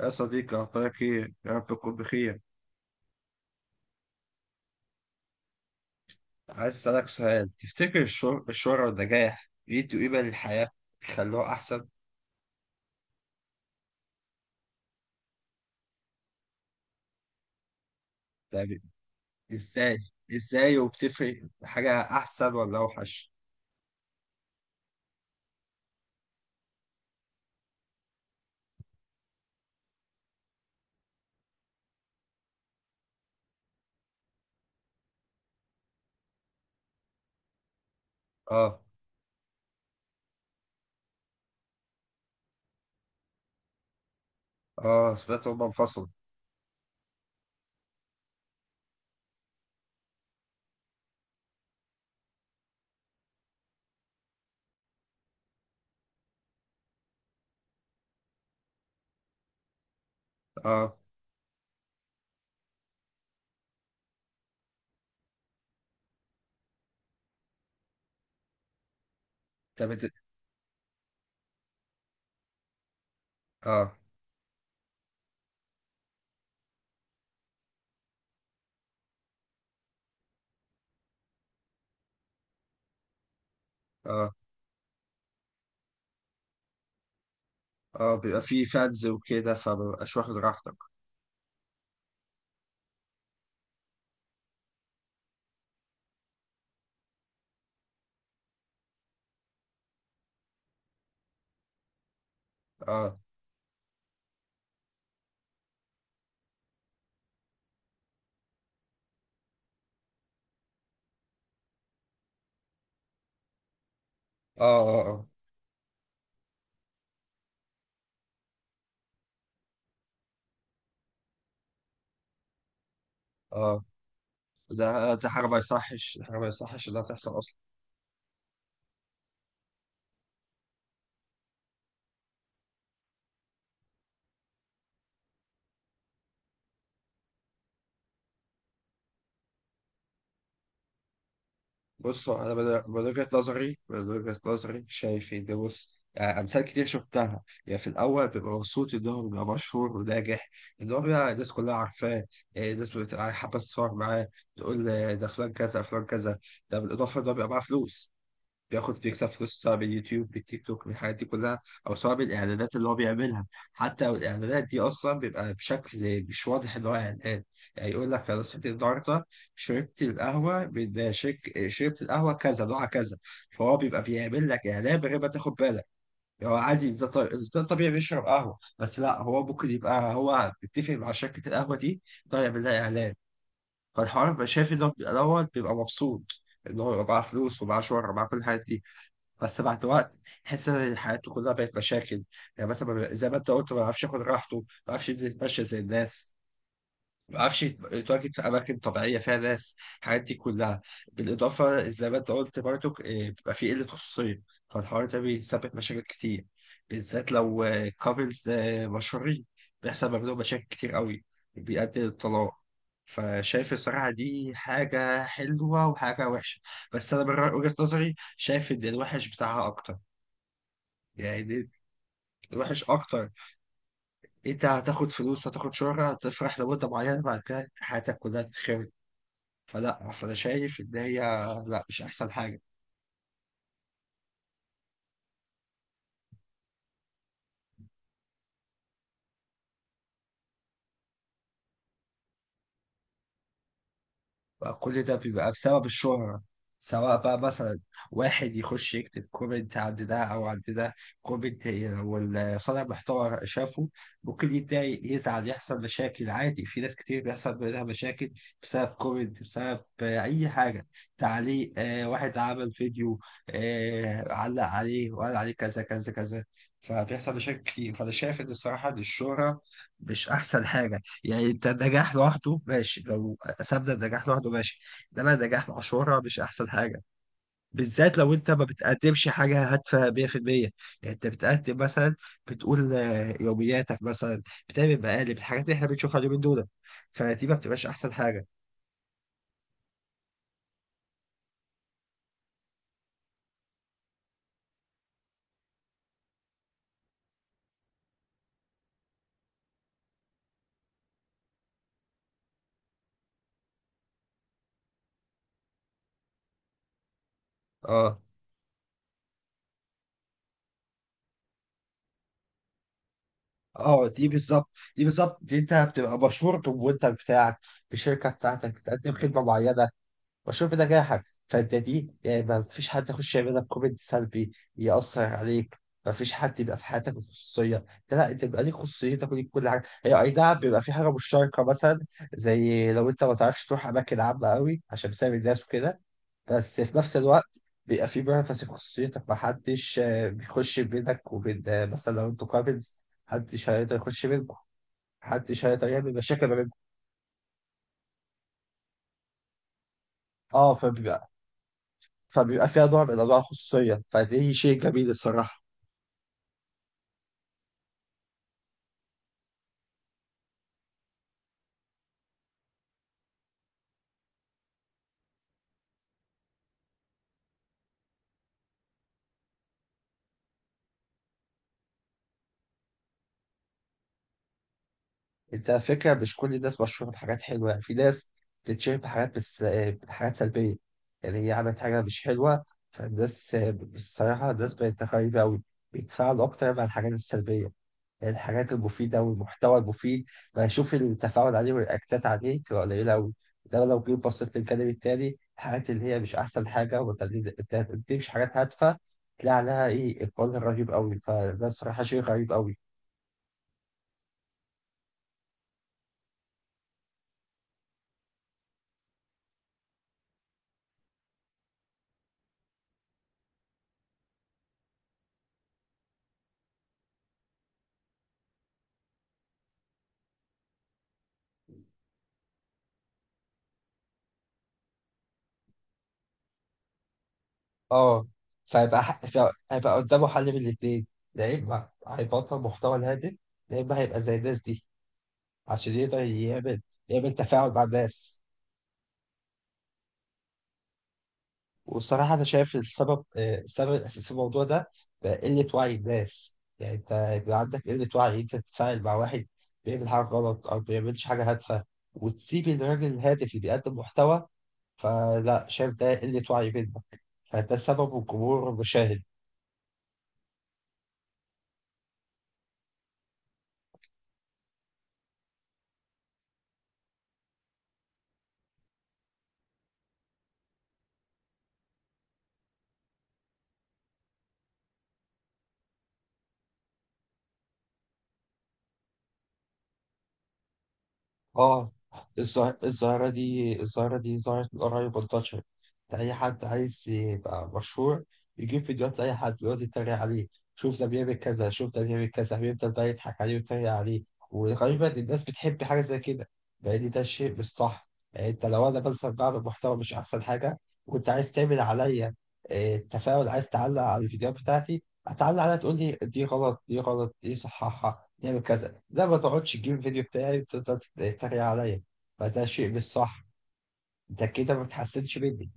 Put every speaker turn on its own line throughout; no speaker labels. يا صديقي، أخبارك إيه؟ يا رب تكون بخير. عايز أسألك سؤال، تفتكر الشهرة والنجاح بيدوا قيمة للحياة؟ بيخلوها أحسن؟ يعني إزاي؟ إزاي، وبتفرق حاجة أحسن ولا أوحش؟ آه. آه، سمعت هما انفصلوا. آه. طب إنت- آه. آه. آه. بيبقى فيه فانز وكده، فمبقاش واخد راحتك. آه. آه. آه. آه. آه. ده حاجة ما يصحش، حاجة ما يصحش إنها تحصل أصلا. بص، هو انا من وجهة نظري شايف ان، بص، يعني امثال كتير شفتها، يعني في الاول بيبقى مبسوط ان هو بيبقى مشهور وناجح، ان هو بيبقى الناس كلها عارفاه. إيه، الناس بتبقى حابه تتصور معاه، تقول آه، ده فلان كذا فلان كذا. ده بالاضافه ان هو بيبقى معاه فلوس، بياخد بيكسب فلوس سواء باليوتيوب بالتيك توك بالحاجات دي كلها، او سواء بالاعلانات اللي هو بيعملها. حتى الاعلانات دي اصلا بيبقى بشكل مش واضح اللي هو اعلان، يعني يقول لك انا صحيت النهارده شربت القهوه كذا نوعها كذا. فهو بيبقى بيعمل لك اعلان من غير ما تاخد بالك. هو عادي، إنسان طبيعي، الإنسان طبيعي بيشرب قهوه، بس لا، هو ممكن يبقى هو متفق مع شركه القهوه دي، طيب يعمل لها اعلان. فالحوار بقى، شايف ان هو في الاول بيبقى مبسوط ان هو يبقى معاه فلوس ومعاه شهره ومعاه كل الحاجات دي. بس بعد وقت، تحس ان حياته كلها بقت مشاكل. يعني مثلا، ما بي- زي ما انت قلت، ما بيعرفش ياخد راحته، ما بيعرفش ينزل يتمشى زي الناس، ما بيعرفش يتواجد في اماكن طبيعيه فيها ناس. الحاجات دي كلها بالاضافه، زي ما انت قلت برضو، إيه، بيبقى في قله خصوصيه. فالحوار ده بيسبب مشاكل كتير، بالذات لو كابلز مشهورين، بيحصل ما بينهم مشاكل كتير قوي، بيؤدي للطلاق. فشايف الصراحة دي حاجة حلوة وحاجة وحشة، بس أنا من وجهة نظري شايف إن الوحش بتاعها أكتر. يعني وحش اكتر، انت هتاخد فلوس، هتاخد شهرة، هتفرح لمدة معينة، بعد كده حياتك كلها تتخرب. فلا، فانا شايف ان هي، لا، مش احسن حاجة. فكل ده بيبقى بسبب الشهرة، سواء بقى مثلا واحد يخش يكتب كومنت عند ده أو عند ده، كومنت والصانع محتوى شافه، ممكن يتضايق يزعل يحصل مشاكل، عادي، في ناس كتير بيحصل بينها مشاكل بسبب كومنت، بسبب آه، أي حاجة، تعليق، آه، واحد عمل فيديو، آه، علق عليه وقال عليه كذا كذا كذا. فبيحصل مشاكل كتير. فأنا شايف إن، الصراحة، إن الشهرة مش أحسن حاجة. يعني انت النجاح لوحده ماشي، لو سابنا النجاح لوحده ماشي، انما النجاح مع شهرة مش احسن حاجه، بالذات لو انت ما بتقدمش حاجه هادفه 100%. يعني انت بتقدم مثلا، بتقول آه، يومياتك مثلا، بتعمل مقالب، الحاجات اللي احنا بنشوفها اليومين دول، فدي ما بتبقاش احسن حاجه. اه. اه، دي بالظبط. دي انت بتبقى مشهور بالمنتج بتاعك، بالشركه بتاعتك، بتقدم خدمه معينه. والشرب ده جاحك، فانت دي يعني ما فيش حد يخش يعمل لك كومنت سلبي يأثر عليك، ما فيش حد يبقى في حياتك الخصوصية ده، لا، انت بيبقى ليك خصوصيتك وليك كل حاجة، هي اي نعم بيبقى في حاجة مشتركة، مثلا زي لو انت ما تعرفش تروح أماكن عامة قوي عشان بسبب الناس وكده، بس في نفس الوقت بيبقى في بيرفس في خصوصيتك، ما حدش آه، بيخش بينك وبين آه، مثلا لو انتوا كابلز، محدش هيقدر يخش بينكم، محدش هيقدر يعمل مشاكل ما بينكم. اه. فبيبقى فيها نوع من انواع الخصوصيه، فدي شيء جميل الصراحه. انت على فكره مش كل الناس مشهوره بحاجات حلوه، يعني في ناس بتتشهر بحاجات، بس بحاجات سلبيه، يعني هي عملت حاجه مش حلوه. فالناس آه، الصراحه الناس بقت غريبه قوي، بيتفاعلوا اكتر مع الحاجات السلبيه. الحاجات المفيدة والمحتوى المفيد بشوف التفاعل عليه والرياكتات عليه بتبقى قليلة أوي. ده لو جيت بصيت للجانب التاني، الحاجات اللي هي مش أحسن حاجة وما بتديكش حاجات هادفة، تلاقي عليها إيه إقبال رهيب أوي. فده الصراحة شيء غريب أوي. أه. فيبقى ح- ف- هيبقى قدامه حل من الاتنين، يا إما هيبطل محتوى الهادف، يا إما هيبقى زي الناس دي، عشان يقدر يعمل، يعمل تفاعل مع الناس. والصراحة أنا شايف السبب، آه، السبب الأساسي في الموضوع ده بقى قلة وعي الناس. يعني أنت يبقى عندك قلة وعي، أنت تتفاعل مع واحد بيعمل حاجة غلط أو بيعملش حاجة هادفة، وتسيب الراجل الهادف اللي بيقدم محتوى. فلا، شايف ده قلة وعي منك، فده سبب الجمهور المشاهد. اه. الظاهرة دي ظهرت من قريب، انتشرت، أي حد عايز يبقى مشهور يجيب فيديوهات لأي حد ويقعد يتريق عليه، شوف ده بيعمل كذا، شوف ده بيعمل كذا، بيفضل بقى يضحك عليه ويتريق عليه. وغالبا الناس بتحب حاجة زي كده، لأن ده الشيء مش صح. يعني أنت لو أنا مثلا بعمل محتوى مش أحسن حاجة، وأنت عايز تعمل عليا آه، تفاعل، عايز تعلق على الفيديوهات بتاعتي، هتعلق عليها تقول لي دي غلط، دي غلط، دي صححها، نعمل كذا، لا، ما تقعدش تجيب الفيديو بتاعي وتفضل تتريق عليا. فده شيء مش صح، انت كده ما بتحسنش مني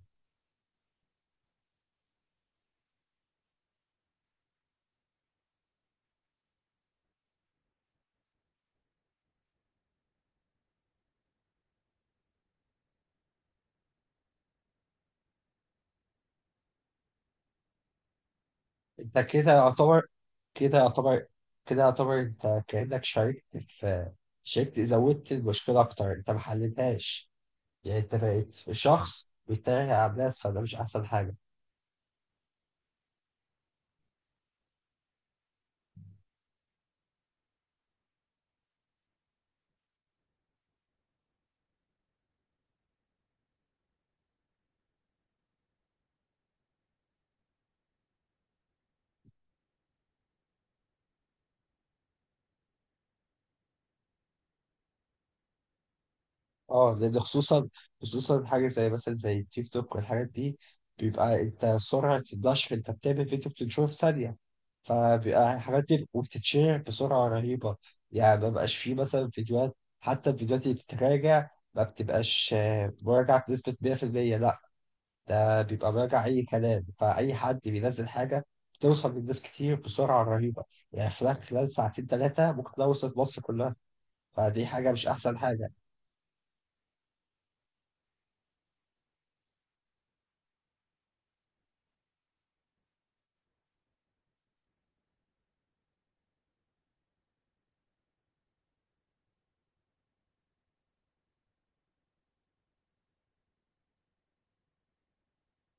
انت كده يعتبر كده يعتبر انت كأنك شاركت، زودت المشكلة أكتر، انت ما حلتهاش. يعني انت بقيت شخص بيتريق على الناس، فده مش أحسن حاجة. اه، لان خصوصا حاجه زي مثلا زي التيك توك والحاجات دي، بيبقى انت سرعه النشر، انت بتعمل فيديو بتنشره في ثانيه، فبيبقى الحاجات دي وبتتشهر بسرعه رهيبه. يعني ما بقاش فيه مثلا فيديوهات، حتى الفيديوهات اللي بتتراجع ما بتبقاش آه، مراجعه بنسبه 100%، لا، ده بيبقى مراجع اي كلام، فاي حد بينزل حاجه بتوصل للناس كتير بسرعه رهيبه. يعني خلال ساعتين ثلاثه ممكن توصل مصر كلها، فدي حاجه مش احسن حاجه.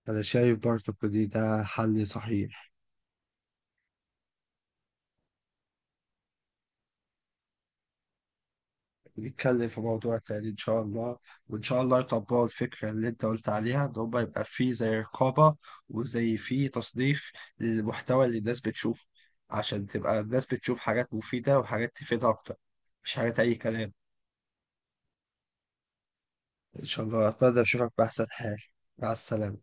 أنا شايف برضه إن ده حل صحيح. نتكلم في موضوع تاني إن شاء الله، وإن شاء الله يطبقوا الفكرة اللي أنت قلت عليها إن هما يبقى فيه زي رقابة، وزي فيه تصنيف للمحتوى اللي الناس بتشوفه، عشان تبقى الناس بتشوف حاجات مفيدة وحاجات تفيدها أكتر، مش حاجات أي كلام. إن شاء الله أتمنى أشوفك بأحسن حال، مع السلامة.